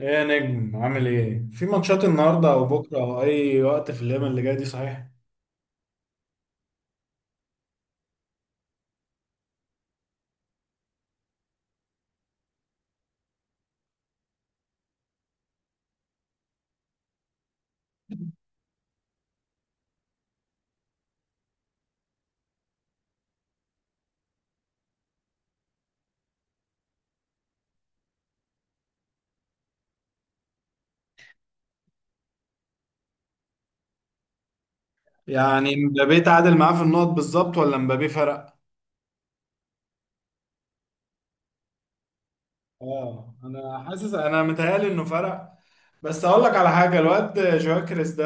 ايه يا نجم، عامل ايه؟ في ماتشات النهارده او بكره او اي وقت في الايام اللي جايه دي، صحيح؟ يعني مبابي تعادل معاه في النقط بالظبط، ولا مبابي فرق؟ اه، انا حاسس، انا متهيألي انه فرق. بس اقول لك على حاجه، الواد كريس ده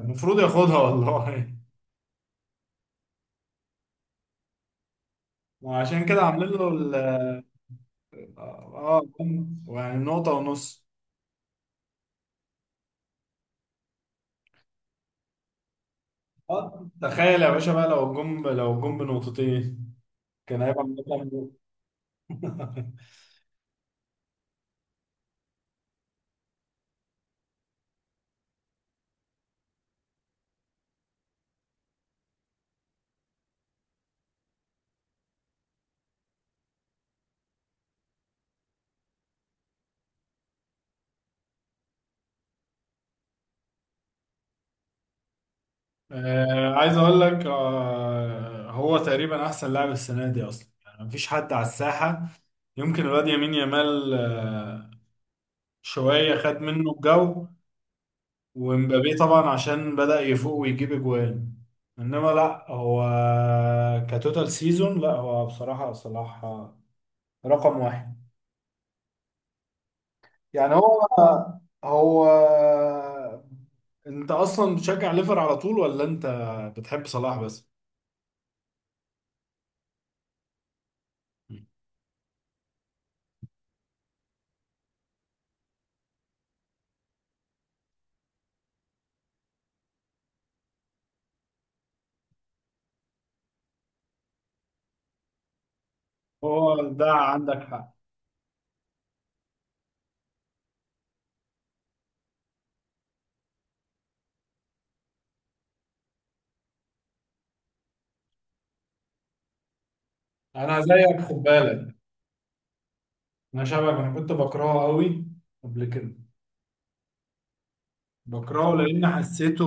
المفروض ياخدها، والله. وعشان كده عاملين له ال اه آه، جون، يعني نقطه ونص. اه، تخيل يا باشا بقى، لو الجون بنقطتين، كان هيبقى من نقطة. عايز اقول لك، هو تقريبا احسن لاعب السنه دي اصلا، يعني مفيش حد على الساحه. يمكن الواد يمين يامال شويه خد منه الجو. ومبابي طبعا عشان بدأ يفوق ويجيب اجوان، انما لا، هو كتوتال سيزون، لا هو بصراحه صلاح رقم واحد. يعني هو، انت اصلا بتشجع ليفر على طول، ولا انت بتحب صلاح بس؟ هو ده عندك حق. انا زيك، خد بالك. انا شبهك، انا كنت بكرهه قوي قبل كده. بكرهه لان حسيته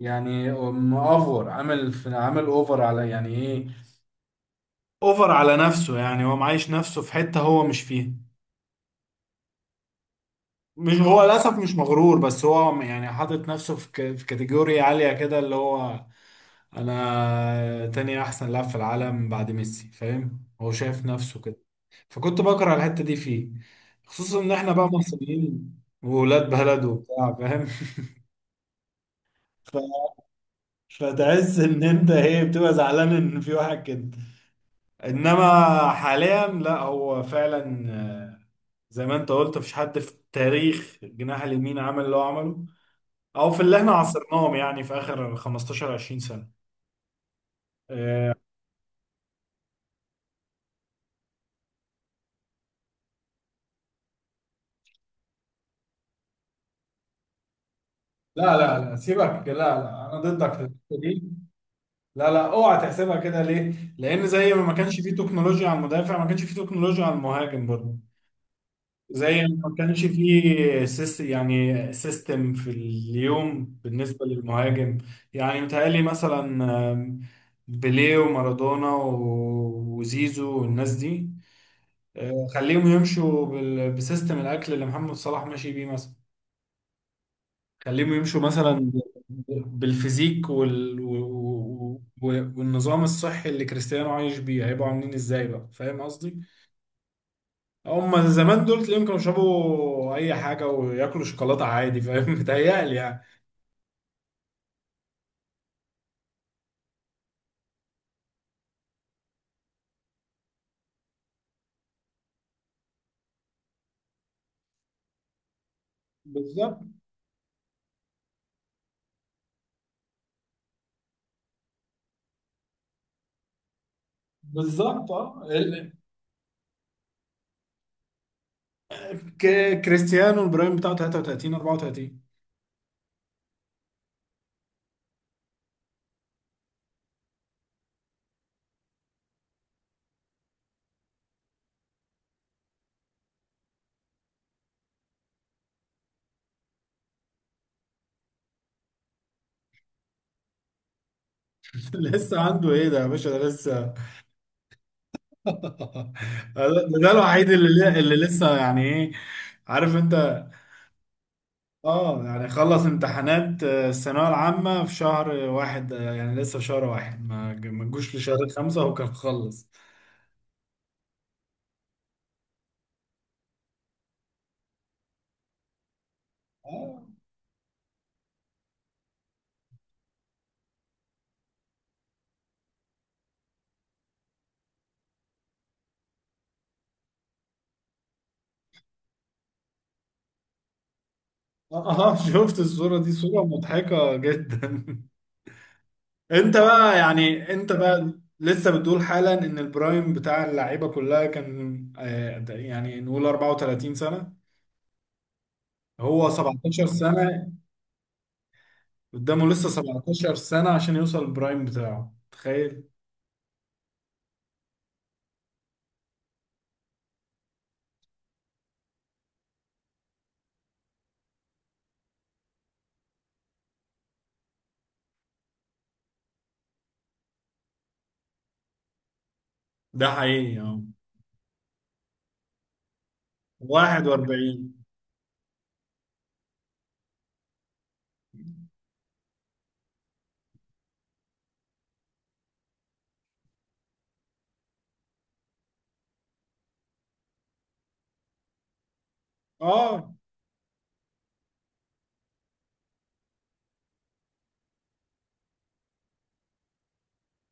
يعني مأفور، عامل اوفر على، يعني ايه، اوفر على نفسه. يعني هو معايش نفسه في حتة هو مش فيها. مش، هو للاسف مش مغرور، بس هو يعني حاطط نفسه في في كاتيجوري عالية كده، اللي هو انا تاني احسن لاعب في العالم بعد ميسي، فاهم؟ هو شايف نفسه كده، فكنت بكره الحته دي فيه، خصوصا ان احنا بقى مصريين وولاد بلد وبتاع، فاهم؟ ف... فتحس ان انت ايه، بتبقى زعلان ان في واحد كده. انما حاليا لا، هو فعلا، زي ما انت قلت مفيش حد في تاريخ الجناح اليمين عمل اللي هو عمله، او في اللي احنا عاصرناهم يعني في اخر 15 20 سنه. آه، لا لا لا، سيبك، لا لا، انا ضدك في الحته دي. لا لا، اوعى تحسبها كده، ليه؟ لان زي ما كانش فيه تكنولوجيا على المدافع، ما كانش فيه تكنولوجيا على المهاجم برضه. زي ما كانش فيه سيستم في اليوم بالنسبه للمهاجم. يعني متهيألي مثلا، آم، بيليه ومارادونا وزيزو والناس دي، خليهم يمشوا بسيستم الاكل اللي محمد صلاح ماشي بيه مثلا. خليهم يمشوا مثلا بالفيزيك والنظام الصحي اللي كريستيانو عايش بيه، هيبقوا عاملين ازاي بقى؟ فاهم قصدي؟ هم زمان دول تلاقيهم كانوا يشربوا اي حاجه وياكلوا شوكولاته عادي، فاهم؟ متهيألي يعني. بالظبط، بالظبط. كريستيانو البرايم بتاعه 33 34. لسه عنده ايه ده يا باشا؟ ده لسه. ده الوحيد اللي لسه، يعني ايه، عارف انت. اه، يعني خلص امتحانات، الثانوية العامة في شهر واحد. يعني لسه في شهر واحد، ما جوش لشهر خمسة هو كان خلص. اه، شفت الصورة دي؟ صورة مضحكة جدا. انت بقى، يعني انت بقى لسه بتقول حالا ان البرايم بتاع اللعيبة كلها كان، يعني نقول 34 سنة. هو 17 سنة قدامه، لسه 17 سنة عشان يوصل البرايم بتاعه. تخيل. ده حقيقي، اه. 41. اه،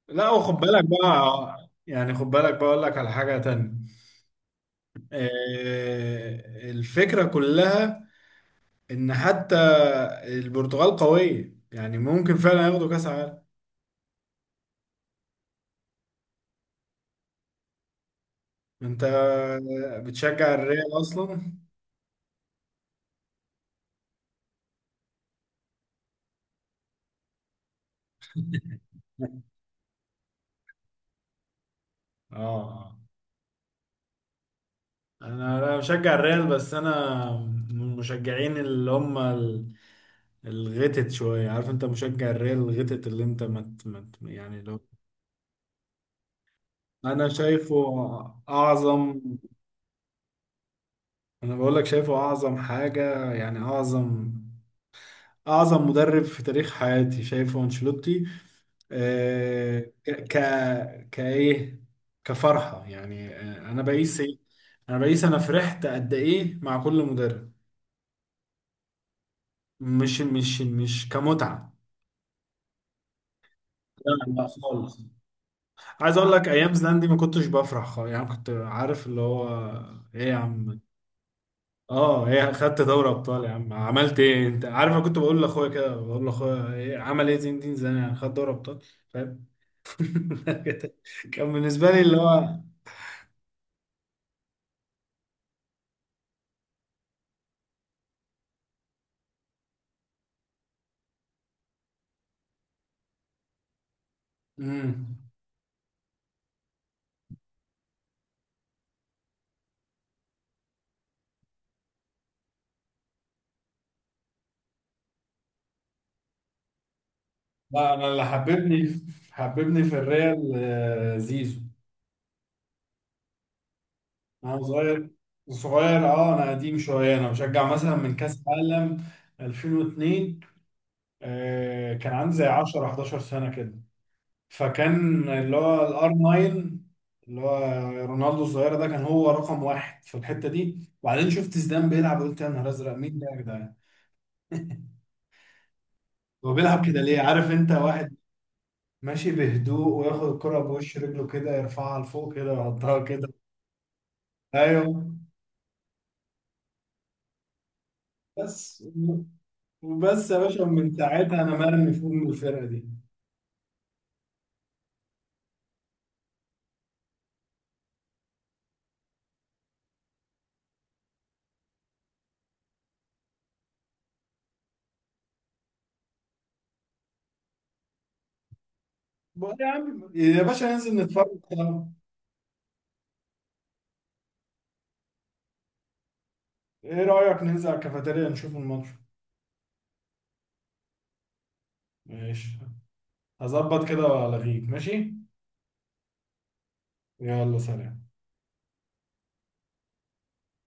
لا وخد بالك بقى، يعني خد بالك بقى، اقول لك على حاجة تانية. الفكرة كلها ان حتى البرتغال قوية، يعني ممكن فعلا ياخدوا كاس عالم. انت بتشجع الريال اصلا. اه، انا بشجع الريال، بس انا من المشجعين اللي هم الغتت شويه، عارف انت؟ مشجع الريال الغتت، اللي انت مت يعني لو. انا شايفه اعظم. انا بقول لك شايفه اعظم حاجه، يعني اعظم، اعظم مدرب في تاريخ حياتي شايفه انشيلوتي. آه، ك كايه، كفرحه يعني. انا بقيس إيه؟ انا بقيس انا فرحت قد ايه مع كل مدرب. مش كمتعه. لا لا، خالص. عايز اقول لك ايام زلاندي ما كنتش بفرح خالص، يعني كنت عارف اللي هو ايه يا عم. اه، هي خدت دوري ابطال، يا عم عملت ايه؟ انت عارف، انا كنت بقول لاخويا كده، بقول لاخويا إيه عمل ايه زين الدين زيدان؟ يعني خد دوري ابطال، فاهم؟ كان بالنسبه لي اللي هو، امم لا، انا اللي حببني في الريال، زيزو. انا صغير، صغير. اه، انا قديم شويه، انا بشجع مثلا من كاس عالم 2002. كان عندي زي 10 11 سنه كده. فكان اللي هو الار 9، اللي هو رونالدو الظاهرة ده، كان هو رقم واحد في الحتة دي. وبعدين شفت زيدان بيلعب، قلت يا نهار ازرق، مين ده يا جدعان؟ هو بيلعب كده ليه؟ عارف انت، واحد ماشي بهدوء وياخد الكرة بوش رجله كده، يرفعها لفوق كده، يحطها كده. ايوه. بس وبس يا باشا، من ساعتها انا مرمي فوق من الفرقة دي. بقول يا عم يا باشا، ننزل نتفرج سوا. ايه رأيك ننزل على الكافيتيريا نشوف الماتش؟ ماشي. هظبط كده والغيك. ماشي. يلا، سلام.